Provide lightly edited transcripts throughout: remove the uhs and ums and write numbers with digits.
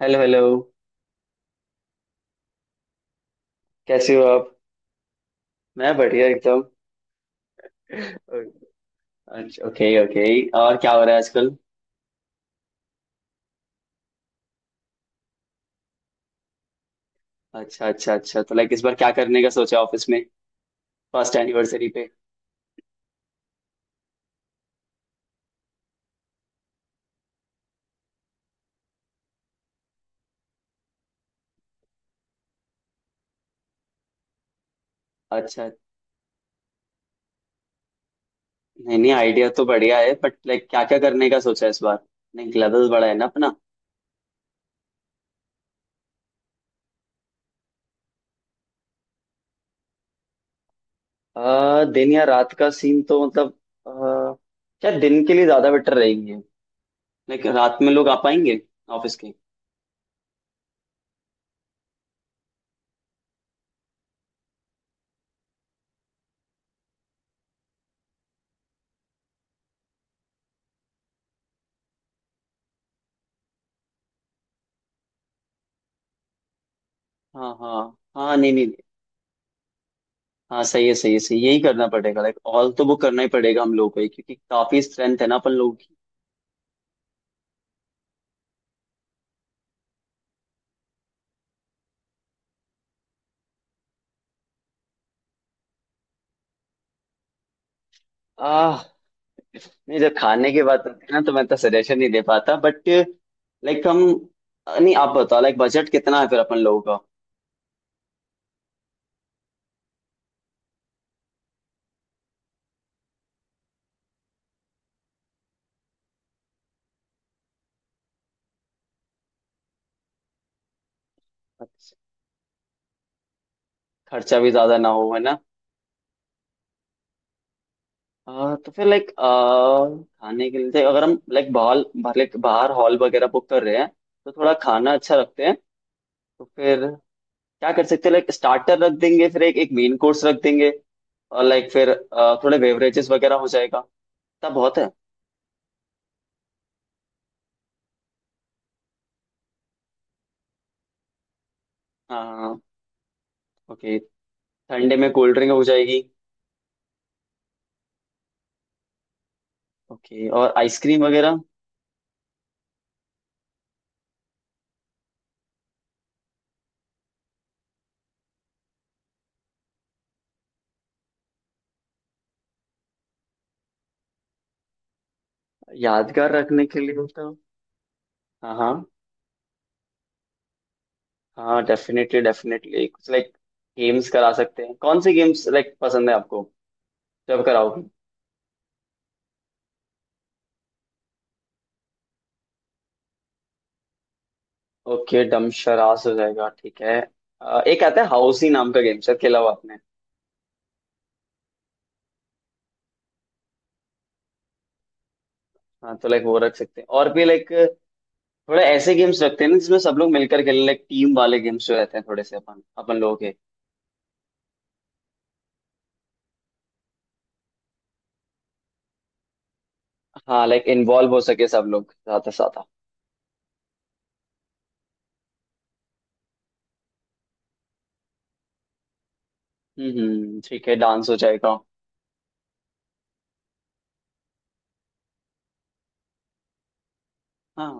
Hello hello. कैसे हो आप। मैं बढ़िया एकदम। अच्छा, ओके ओके। और क्या हो रहा है आजकल। अच्छा, अच्छा, अच्छा, तो लाइक इस बार क्या करने का सोचा ऑफिस में फर्स्ट एनिवर्सरी पे। अच्छा। नहीं, नहीं, आइडिया तो बढ़िया है बट लाइक क्या क्या करने का सोचा है इस बार। नहीं, लेवल बड़ा है ना अपना। दिन या रात का सीन तो मतलब आ, क्या दिन के लिए ज्यादा बेटर रहेगी। लाइक रात में लोग आ पाएंगे ऑफिस के। हाँ, हाँ। हाँ, नहीं, नहीं। हाँ, सही है, सही है, सही है। यही करना पड़ेगा लाइक ऑल तो बुक करना ही पड़ेगा हम लोगों को ही, क्योंकि काफी स्ट्रेंथ है ना अपन लोगों की। आह। नहीं, जब खाने की बात होती है ना तो मैं तो सजेशन नहीं दे पाता बट लाइक हम। नहीं, आप बताओ लाइक बजट कितना है फिर अपन लोगों का। अच्छा, खर्चा भी ज्यादा ना हो है ना। तो फिर लाइक खाने के लिए अगर हम लाइक हॉल लाइक बाहर हॉल वगैरह बुक कर रहे हैं तो थोड़ा खाना अच्छा रखते हैं। तो फिर क्या कर सकते हैं लाइक स्टार्टर रख देंगे फिर एक एक मेन कोर्स रख देंगे और लाइक फिर थोड़े बेवरेजेस वगैरह हो जाएगा। तब बहुत है। हाँ। ओके। ठंडे में कोल्ड ड्रिंक हो जाएगी। ओके और आइसक्रीम वगैरह। यादगार रखने के लिए तो। हाँ, हाँ। हाँ, डेफिनेटली डेफिनेटली कुछ लाइक गेम्स करा सकते हैं कौन से गेम्स लाइक पसंद है आपको जब कराओगे। ओके, डम शरास हो जाएगा, ठीक है। एक आता है हाउसी नाम का गेम शायद खेला हुआ आपने। हाँ तो लाइक वो रख सकते हैं और भी लाइक थोड़े ऐसे गेम्स रखते हैं ना जिसमें सब लोग मिलकर खेलें लाइक टीम वाले गेम्स जो रहते हैं थोड़े से अपन अपन लोग। हाँ लाइक इन्वॉल्व हो सके सब लोग ज्यादा से ज्यादा। हम्म, ठीक है, डांस हो जाएगा। हाँ,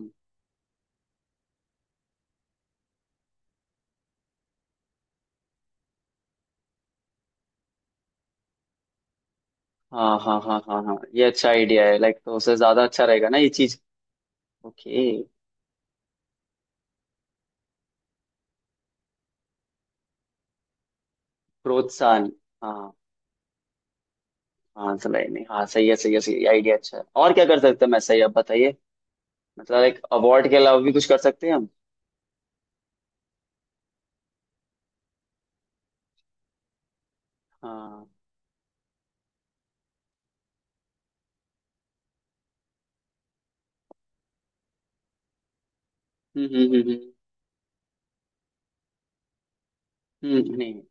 हाँ, हाँ, हाँ, हाँ, हाँ, ये अच्छा आइडिया है लाइक तो उससे ज्यादा अच्छा रहेगा ना ये चीज। ओके। प्रोत्साहन। हाँ। हाँ, सलाई नहीं, हाँ, सही है, सही है, सही है, आइडिया अच्छा है और क्या कर सकते हैं मैं सही आप बताइए। मतलब लाइक अवार्ड के अलावा भी कुछ कर सकते हैं हम। हाँ। हम्म, हम्म, हम्म। हम्म, नहीं।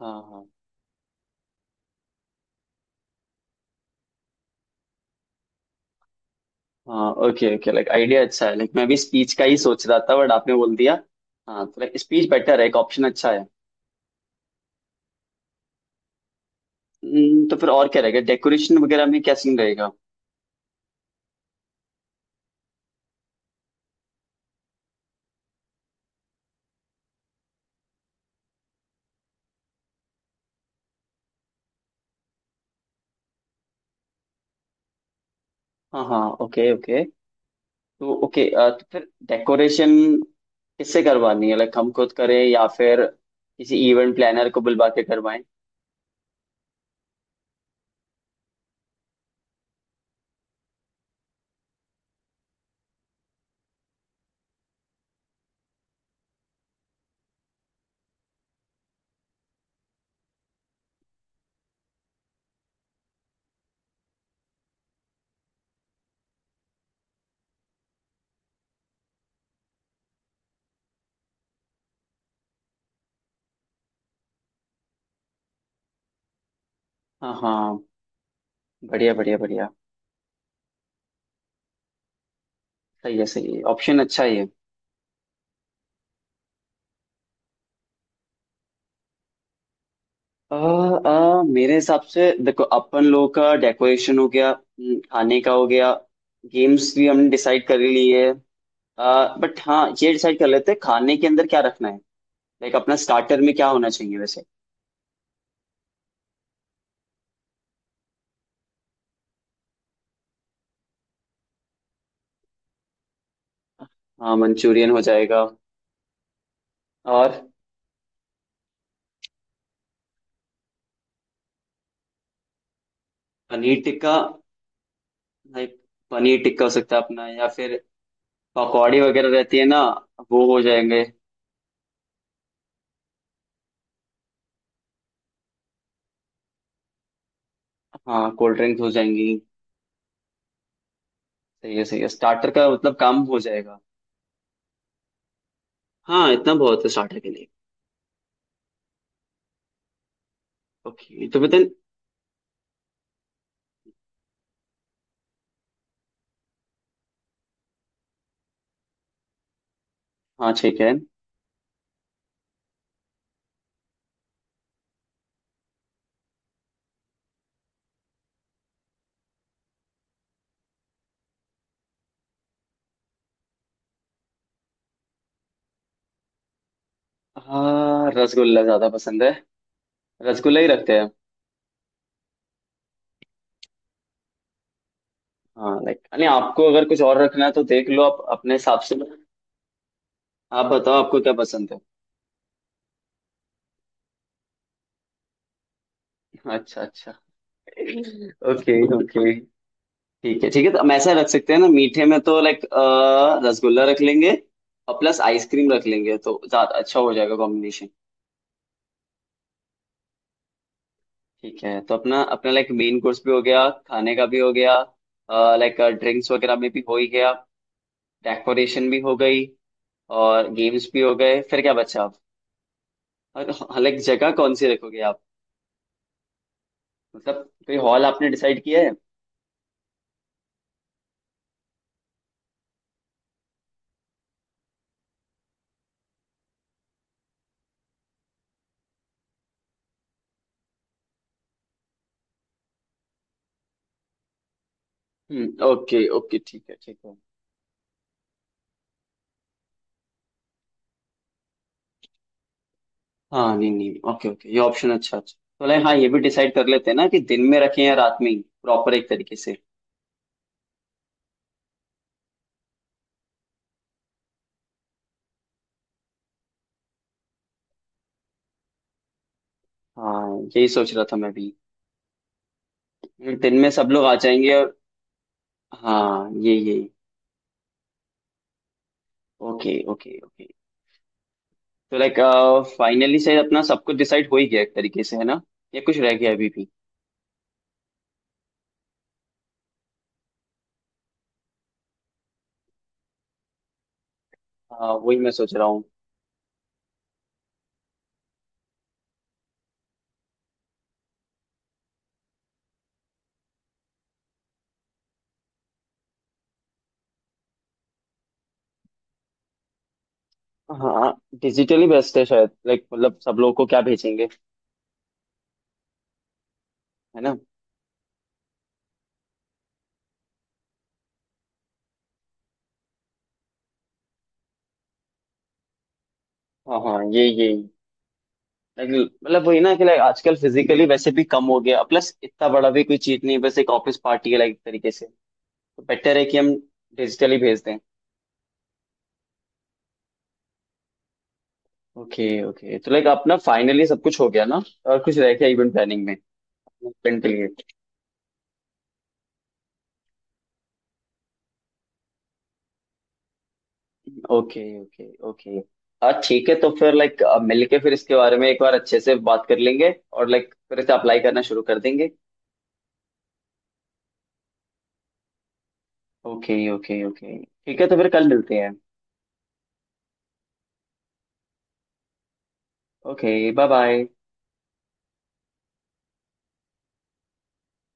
हाँ, हाँ। हाँ, ओके, ओके, लाइक आइडिया अच्छा है लाइक मैं भी स्पीच का ही सोच रहा था बट आपने बोल दिया। हाँ तो लाइक स्पीच बेटर है, एक ऑप्शन अच्छा है। तो फिर और क्या रहेगा डेकोरेशन वगैरह में क्या सीन रहेगा। हाँ, हाँ, ओके, ओके। तो ओके, तो फिर डेकोरेशन किससे करवानी है लाइक हम खुद करें या फिर किसी इवेंट प्लानर को बुलवा के करवाएं। हाँ, हाँ, बढ़िया बढ़िया बढ़िया। सही है, सही है, ऑप्शन अच्छा ही है। मेरे हिसाब से देखो अपन लोगों का डेकोरेशन हो गया, खाने का हो गया। गेम्स भी हमने डिसाइड कर ली है। बट हाँ, ये डिसाइड कर लेते हैं खाने के अंदर क्या रखना है। लाइक अपना स्टार्टर में क्या होना चाहिए वैसे। हाँ, मंचूरियन हो जाएगा। और पनीर टिक्का भाई। पनीर टिक्का हो सकता है अपना या फिर पकौड़ी वगैरह रहती है ना, वो हो जाएंगे। हाँ, कोल्ड ड्रिंक्स हो जाएंगी। सही है, सही है, स्टार्टर का मतलब काम हो जाएगा। हाँ, इतना बहुत है स्टार्टर के लिए। ओके, तो बताइए। हाँ, ठीक है। हाँ, रसगुल्ला ज्यादा पसंद है। रसगुल्ला ही रखते हैं। हाँ लाइक नहीं, आपको अगर कुछ और रखना है तो देख लो आप अपने हिसाब से। आप बताओ आपको क्या पसंद है। अच्छा, अच्छा। Okay, okay. ठीक है, ठीक है, तो हम ऐसा रख सकते हैं ना मीठे में तो लाइक रसगुल्ला रख लेंगे। और प्लस आइसक्रीम रख लेंगे तो ज्यादा अच्छा हो जाएगा कॉम्बिनेशन। ठीक है, तो अपना अपना लाइक मेन कोर्स भी हो गया। खाने का भी हो गया। लाइक ड्रिंक्स वगैरह में भी हो ही गया। डेकोरेशन भी हो गई। और गेम्स भी हो गए, फिर क्या बचा आप। और लाइक जगह कौन सी रखोगे आप। मतलब कोई हॉल आपने डिसाइड किया है। हम्म, ओके, ओके, ठीक है, ठीक है। हाँ, नहीं, नहीं, ओके, ओके, ये ऑप्शन अच्छा, अच्छा, तो लाइक हाँ, ये भी डिसाइड कर लेते हैं ना कि दिन में रखें या रात में ही। प्रॉपर एक तरीके से। हाँ, यही सोच रहा था मैं भी। दिन में सब लोग आ जाएंगे और हाँ, ये ओके, ओके, ओके। तो लाइक फाइनली शायद अपना सब कुछ डिसाइड हो ही गया एक तरीके से, है ना। या कुछ रह गया अभी भी। हाँ, वही मैं सोच रहा हूँ। हाँ, डिजिटली बेस्ट है शायद लाइक मतलब सब लोगों को क्या भेजेंगे, है ना। हाँ, हाँ, ये Like, मतलब वही ना कि लाइक आजकल फिजिकली वैसे भी कम हो गया, प्लस इतना बड़ा भी कोई चीज नहीं है, बस एक ऑफिस पार्टी है लाइक तरीके से। तो बेटर है कि हम डिजिटली भेज दें। ओके, ओके, तो लाइक अपना फाइनली सब कुछ हो गया ना। और कुछ रह गया इवेंट प्लानिंग में, इवेंट के लिए। Okay, okay, okay. हाँ, ठीक है, तो फिर लाइक मिलके फिर इसके बारे में एक बार अच्छे से बात कर लेंगे और लाइक फिर इसे अप्लाई करना शुरू कर देंगे। ओके, ओके, ओके, ठीक है, तो फिर कल मिलते हैं। ओके। Bye bye.